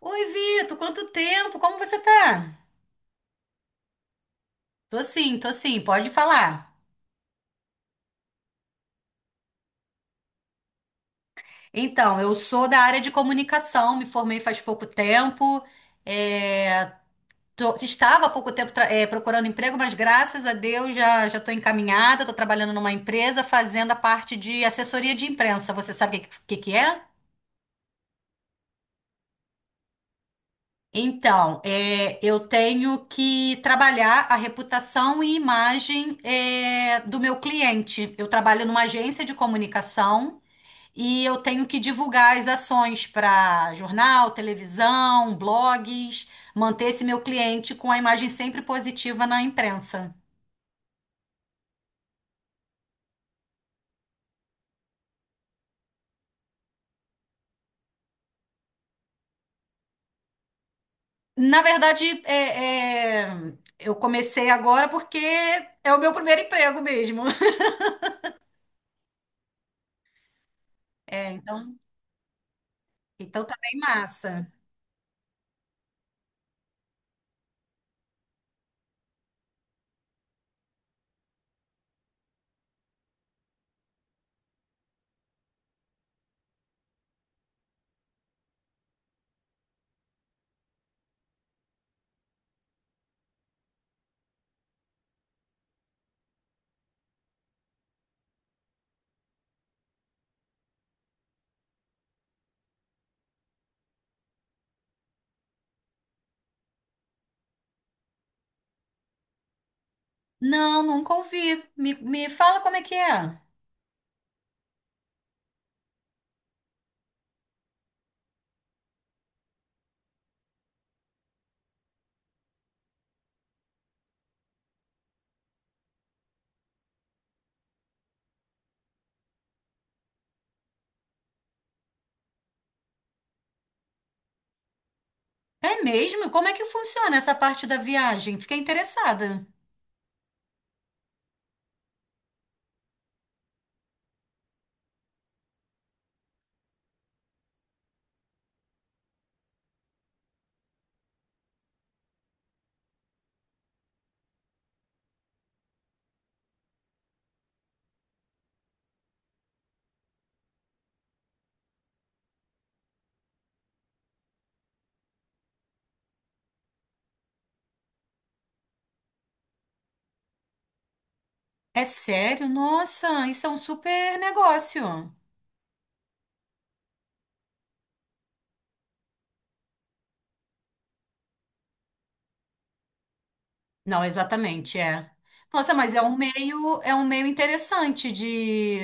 Oi, Vitor, quanto tempo? Como você tá? Tô sim, pode falar. Então, eu sou da área de comunicação, me formei faz pouco tempo. é, Estava há pouco tempo, procurando emprego, mas graças a Deus já já estou encaminhada, estou trabalhando numa empresa fazendo a parte de assessoria de imprensa. Você sabe o que que é? Então, eu tenho que trabalhar a reputação e imagem, do meu cliente. Eu trabalho numa agência de comunicação. E eu tenho que divulgar as ações para jornal, televisão, blogs, manter esse meu cliente com a imagem sempre positiva na imprensa. Na verdade, eu comecei agora porque é o meu primeiro emprego mesmo. É, então, então tá bem massa. Não, nunca ouvi. Me fala como é que é. É mesmo? Como é que funciona essa parte da viagem? Fiquei interessada. É sério? Nossa, isso é um super negócio. Não, exatamente, é. Nossa, mas é um meio interessante de,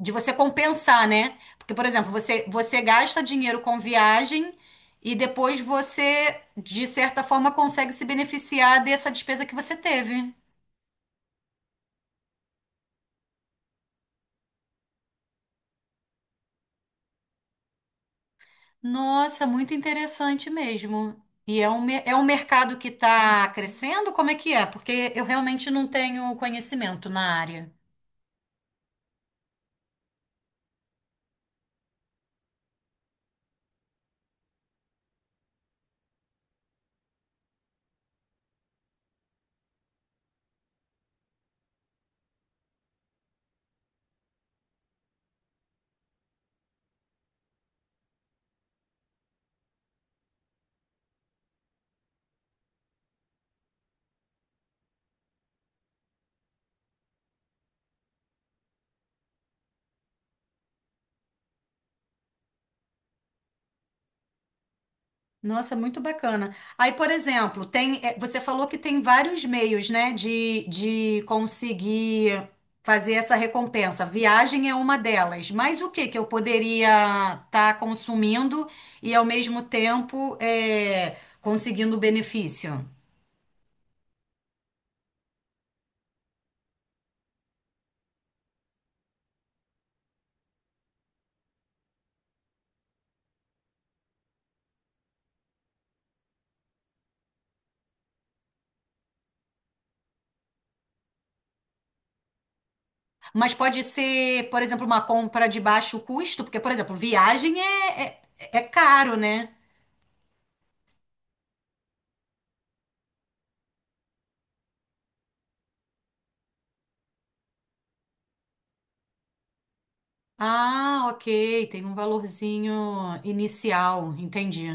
de você compensar, né? Porque, por exemplo, você gasta dinheiro com viagem e depois você, de certa forma, consegue se beneficiar dessa despesa que você teve. Nossa, muito interessante mesmo. E é um, é um mercado que está crescendo? Como é que é? Porque eu realmente não tenho conhecimento na área. Nossa, muito bacana. Aí, por exemplo, tem, você falou que tem vários meios, né, de conseguir fazer essa recompensa. Viagem é uma delas. Mas o que que eu poderia estar consumindo e ao mesmo tempo conseguindo o benefício? Mas pode ser, por exemplo, uma compra de baixo custo, porque, por exemplo, viagem é, é caro, né? Ah, ok, tem um valorzinho inicial, entendi.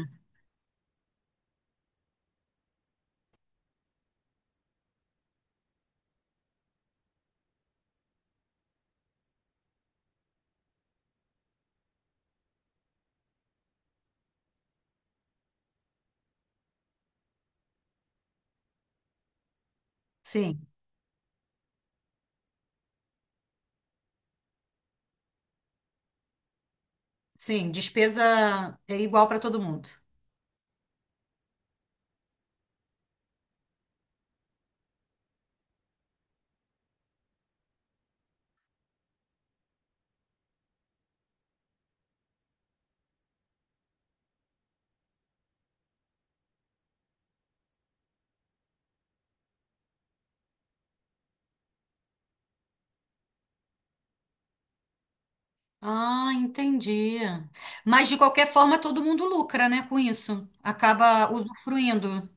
Sim. Sim, despesa é igual para todo mundo. Ah, entendi. Mas de qualquer forma, todo mundo lucra, né, com isso. Acaba usufruindo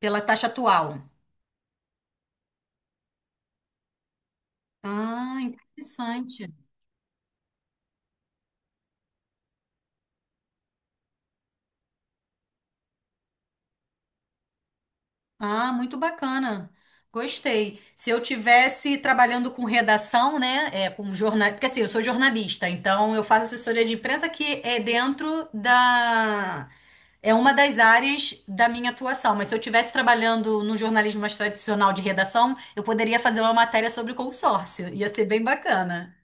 pela taxa atual. Ah, interessante. Ah, muito bacana. Gostei. Se eu tivesse trabalhando com redação, né, com jornal, porque assim, eu sou jornalista, então eu faço assessoria de imprensa que é dentro da é uma das áreas da minha atuação, mas se eu tivesse trabalhando no jornalismo mais tradicional de redação, eu poderia fazer uma matéria sobre consórcio. Ia ser bem bacana.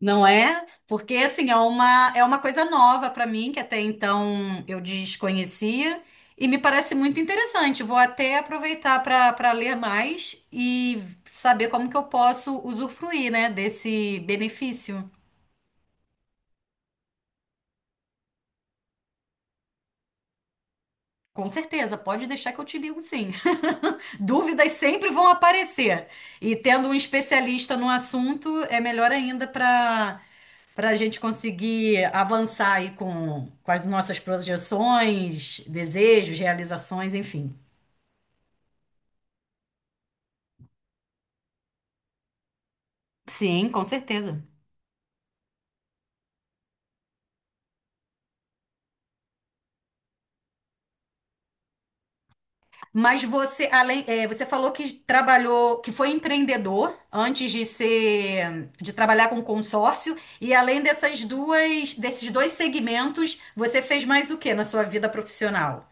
Não é? Porque assim, é uma coisa nova para mim que até então eu desconhecia e me parece muito interessante. Vou até aproveitar para ler mais e saber como que eu posso usufruir, né, desse benefício. Com certeza, pode deixar que eu te ligo sim. Dúvidas sempre vão aparecer. E tendo um especialista no assunto, é melhor ainda para a gente conseguir avançar aí com as nossas projeções, desejos, realizações, enfim. Sim, com certeza. Mas você, além, você falou que trabalhou, que foi empreendedor antes de ser, de trabalhar com consórcio, e além dessas duas, desses dois segmentos, você fez mais o que na sua vida profissional?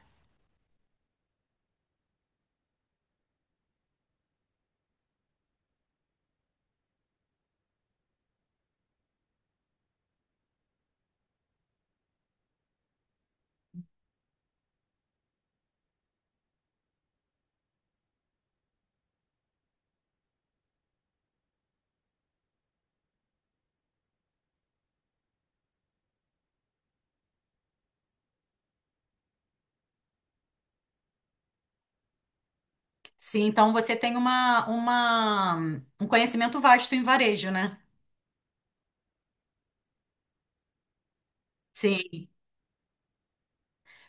Sim, então você tem uma, um conhecimento vasto em varejo, né? Sim,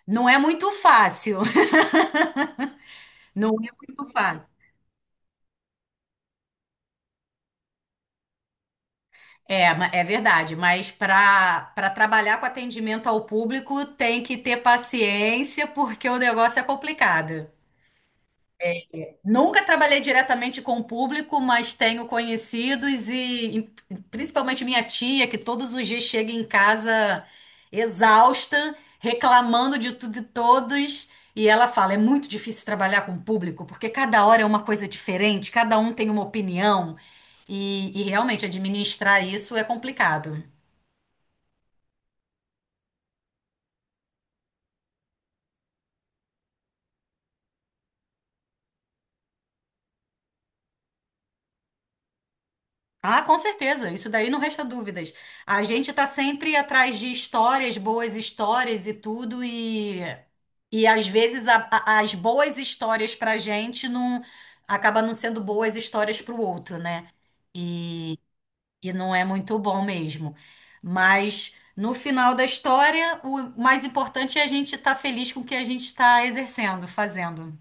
não é muito fácil, não é muito fácil. É, é verdade, mas para trabalhar com atendimento ao público tem que ter paciência porque o negócio é complicado. Nunca trabalhei diretamente com o público, mas tenho conhecidos e principalmente minha tia, que todos os dias chega em casa exausta, reclamando de tudo e todos. E ela fala: é muito difícil trabalhar com o público, porque cada hora é uma coisa diferente, cada um tem uma opinião. E realmente administrar isso é complicado. Ah, com certeza, isso daí não resta dúvidas. A gente tá sempre atrás de histórias, boas histórias e tudo, e às vezes as boas histórias pra gente não acaba não sendo boas histórias pro outro, né? E, e não é muito bom mesmo. Mas no final da história, o mais importante é a gente estar feliz com o que a gente está exercendo, fazendo.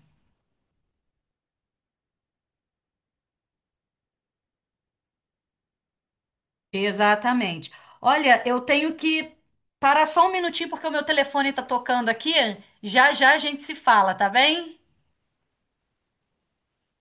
Exatamente. Olha, eu tenho que parar só um minutinho porque o meu telefone está tocando aqui. Já já a gente se fala, tá bem?